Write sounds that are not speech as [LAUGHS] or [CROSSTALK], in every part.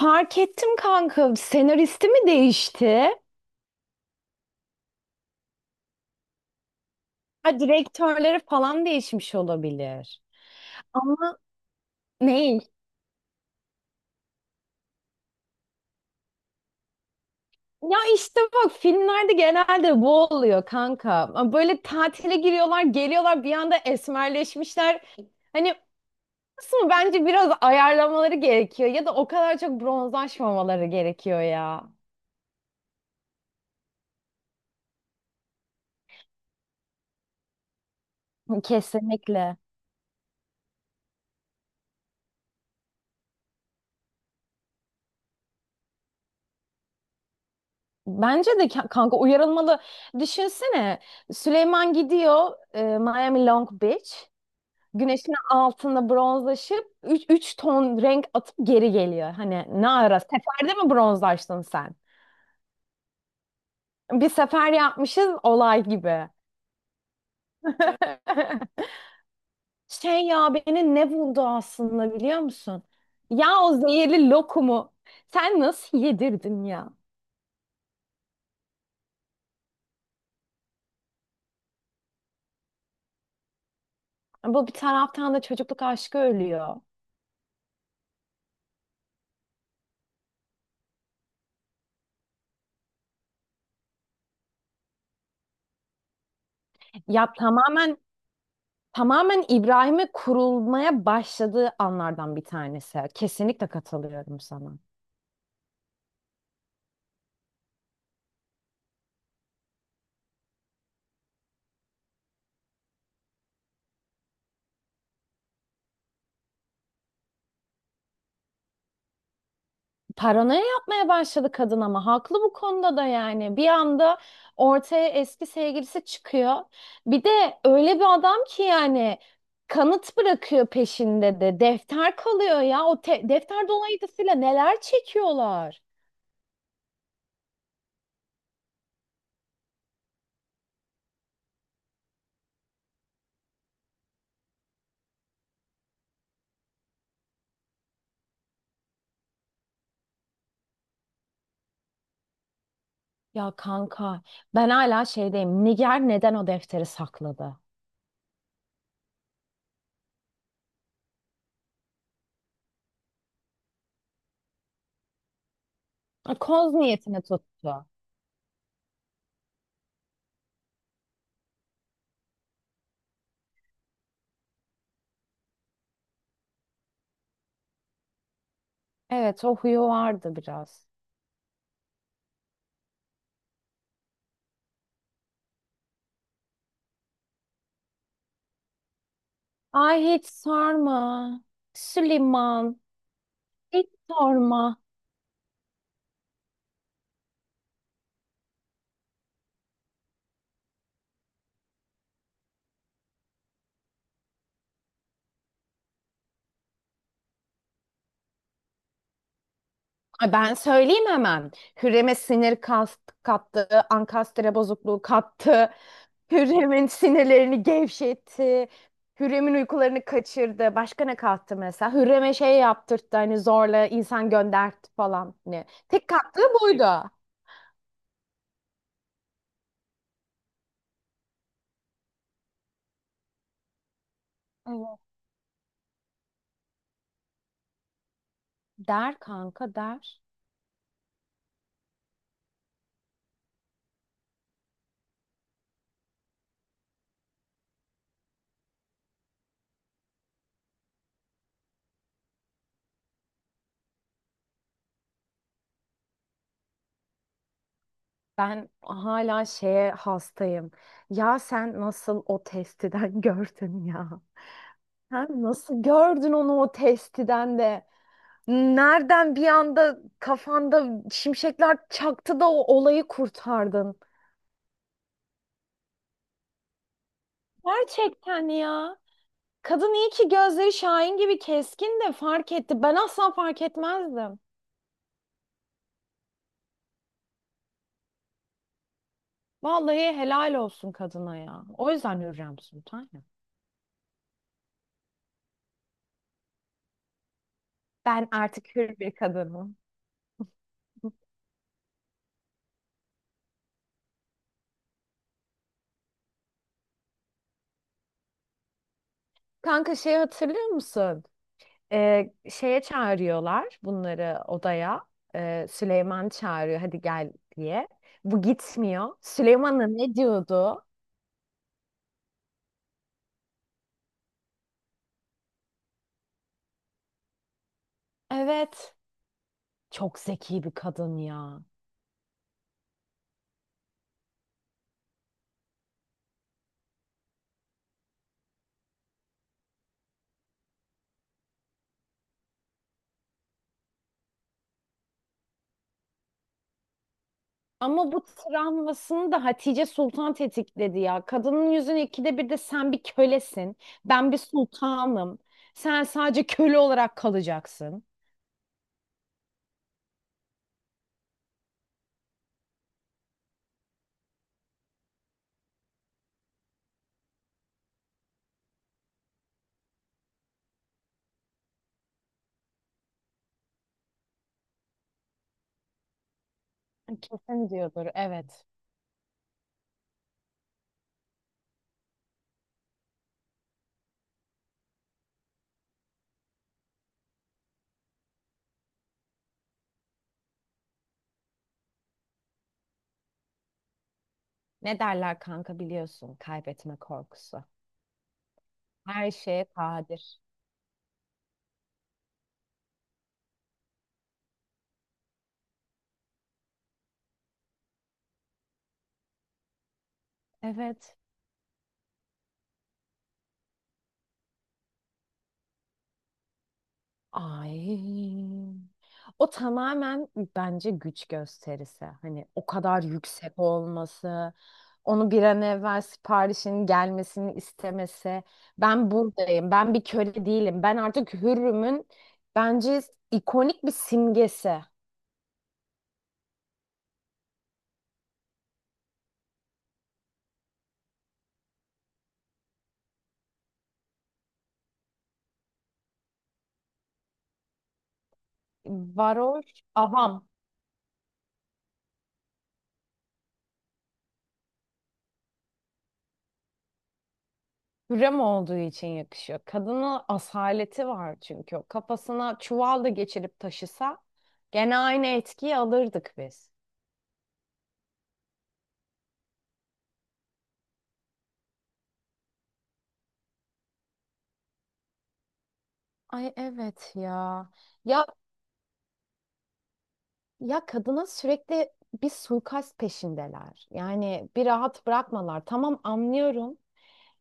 Fark ettim kanka. Senaristi mi değişti? Ha, direktörleri falan değişmiş olabilir. Ama ney? Ya işte bak filmlerde genelde bu oluyor kanka. Böyle tatile giriyorlar, geliyorlar bir anda esmerleşmişler. Hani kısmı bence biraz ayarlamaları gerekiyor ya da o kadar çok bronzlaşmamaları gerekiyor ya. Kesinlikle. Bence de kanka uyarılmalı. Düşünsene Süleyman gidiyor Miami Long Beach. Güneşin altında bronzlaşıp üç ton renk atıp geri geliyor. Hani ne ara? Seferde mi bronzlaştın sen? Bir sefer yapmışız olay gibi. [LAUGHS] Şey ya beni ne buldu aslında biliyor musun? Ya o zehirli lokumu sen nasıl yedirdin ya? Bu bir taraftan da çocukluk aşkı ölüyor. Ya tamamen İbrahim'e kurulmaya başladığı anlardan bir tanesi. Kesinlikle katılıyorum sana. Paranoya yapmaya başladı kadın ama haklı bu konuda da yani. Bir anda ortaya eski sevgilisi çıkıyor. Bir de öyle bir adam ki yani kanıt bırakıyor peşinde de. Defter kalıyor ya. Defter dolayısıyla neler çekiyorlar. Ya kanka ben hala şeydeyim. Niger neden o defteri sakladı? Koz niyetine tuttu. Evet, o huyu vardı biraz. Ay hiç sorma. Süleyman, hiç sorma. Ay ben söyleyeyim hemen. Hürrem'e kattı, ankastre bozukluğu kattı. Hürrem'in sinirlerini gevşetti. Hürrem'in uykularını kaçırdı. Başka ne kattı mesela? Hürrem'e şey yaptırttı, hani zorla insan göndertti falan. Ne? Tek kattığı buydu. Evet. Der kanka der. Ben hala şeye hastayım. Ya sen nasıl o testiden [LAUGHS] gördün ya? Sen nasıl gördün onu o testiden de? Nereden bir anda kafanda şimşekler çaktı da o olayı kurtardın? Gerçekten ya. Kadın iyi ki gözleri Şahin gibi keskin de fark etti. Ben asla fark etmezdim. Vallahi helal olsun kadına ya. O yüzden Hürrem Sultan ya. Ben artık hür bir kadınım. Kanka şey hatırlıyor musun? Şeye çağırıyorlar bunları odaya. Süleyman çağırıyor hadi gel diye. Bu gitmiyor. Süleyman'a ne diyordu? Evet. Çok zeki bir kadın ya. Ama bu travmasını da Hatice Sultan tetikledi ya. Kadının yüzünü ikide bir de sen bir kölesin. Ben bir sultanım. Sen sadece köle olarak kalacaksın. Kesin diyordur, evet. Ne derler kanka biliyorsun, kaybetme korkusu. Her şeye kadir. Evet. Ay. O tamamen bence güç gösterisi. Hani o kadar yüksek olması, onu bir an evvel siparişin gelmesini istemesi. Ben buradayım, ben bir köle değilim. Ben artık hürrümün bence ikonik bir simgesi. Varoş, avam. Hürrem olduğu için yakışıyor. Kadının asaleti var çünkü. O kafasına çuval da geçirip taşısa gene aynı etkiyi alırdık biz. Ay evet ya. Ya ya kadına sürekli bir suikast peşindeler. Yani bir rahat bırakmalar. Tamam anlıyorum.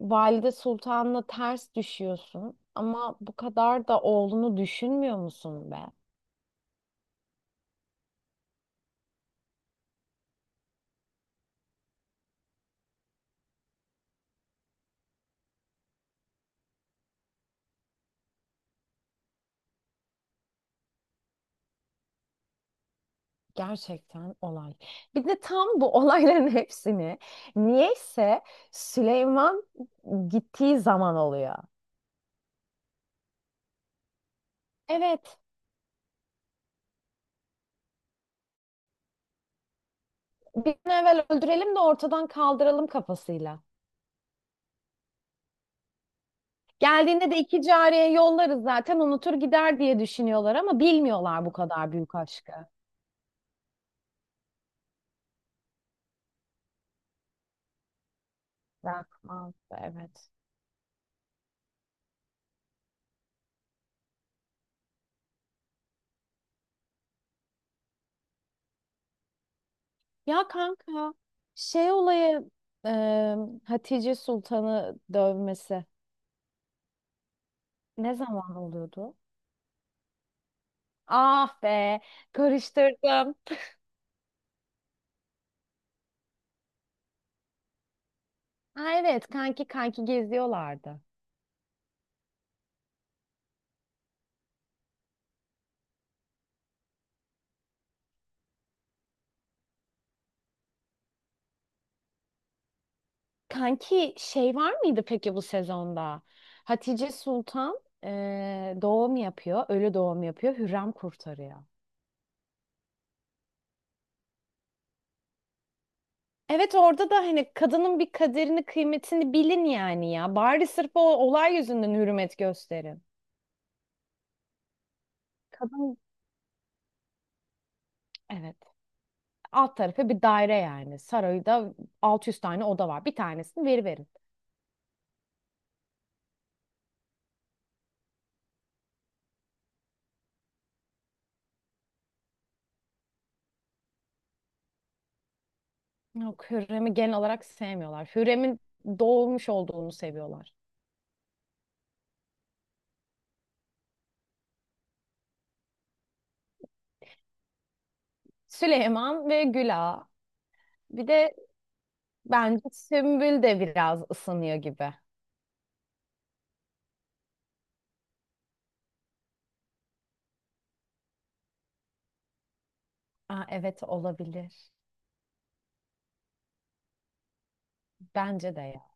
Valide Sultan'la ters düşüyorsun ama bu kadar da oğlunu düşünmüyor musun be? Gerçekten olay. Bir de tam bu [LAUGHS] olayların hepsini niyeyse Süleyman gittiği zaman oluyor. Evet, bir an evvel öldürelim de ortadan kaldıralım kafasıyla. Geldiğinde de iki cariye yollarız zaten unutur gider diye düşünüyorlar ama bilmiyorlar bu kadar büyük aşkı. Bırakmaz, evet. Ya kanka şey olayı, e, Hatice Sultan'ı dövmesi ne zaman oluyordu? Ah be, karıştırdım. Ha evet kanki geziyorlardı. Kanki şey var mıydı peki bu sezonda? Hatice Sultan doğum yapıyor, ölü doğum yapıyor, Hürrem kurtarıyor. Evet orada da hani kadının bir kaderini, kıymetini bilin yani ya. Bari sırf o olay yüzünden hürmet gösterin. Kadın, evet, alt tarafı bir daire yani. Sarayda 600 tane oda var. Bir tanesini veriverin. Yok, Hürrem'i genel olarak sevmiyorlar. Hürrem'in doğmuş olduğunu seviyorlar. Süleyman ve Güla. Bir de bence Sümbül de biraz ısınıyor gibi. Aa, evet olabilir. Bence de ya.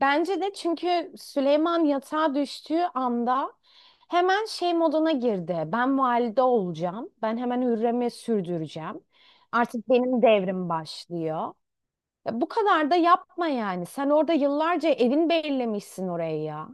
Bence de çünkü Süleyman yatağa düştüğü anda hemen şey moduna girdi. Ben valide olacağım. Ben hemen Hürrem'i sürdüreceğim. Artık benim devrim başlıyor. Ya bu kadar da yapma yani. Sen orada yıllarca evin bellemişsin orayı ya.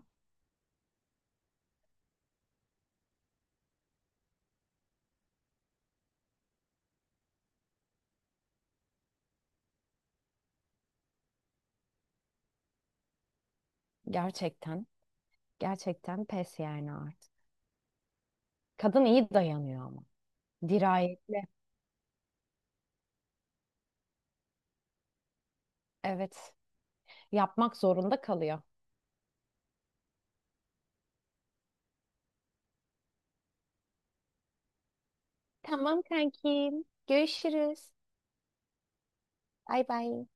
Gerçekten. Gerçekten pes yani artık. Kadın iyi dayanıyor ama. Dirayetli. Evet. Yapmak zorunda kalıyor. Tamam kankim. Görüşürüz. Bay bay.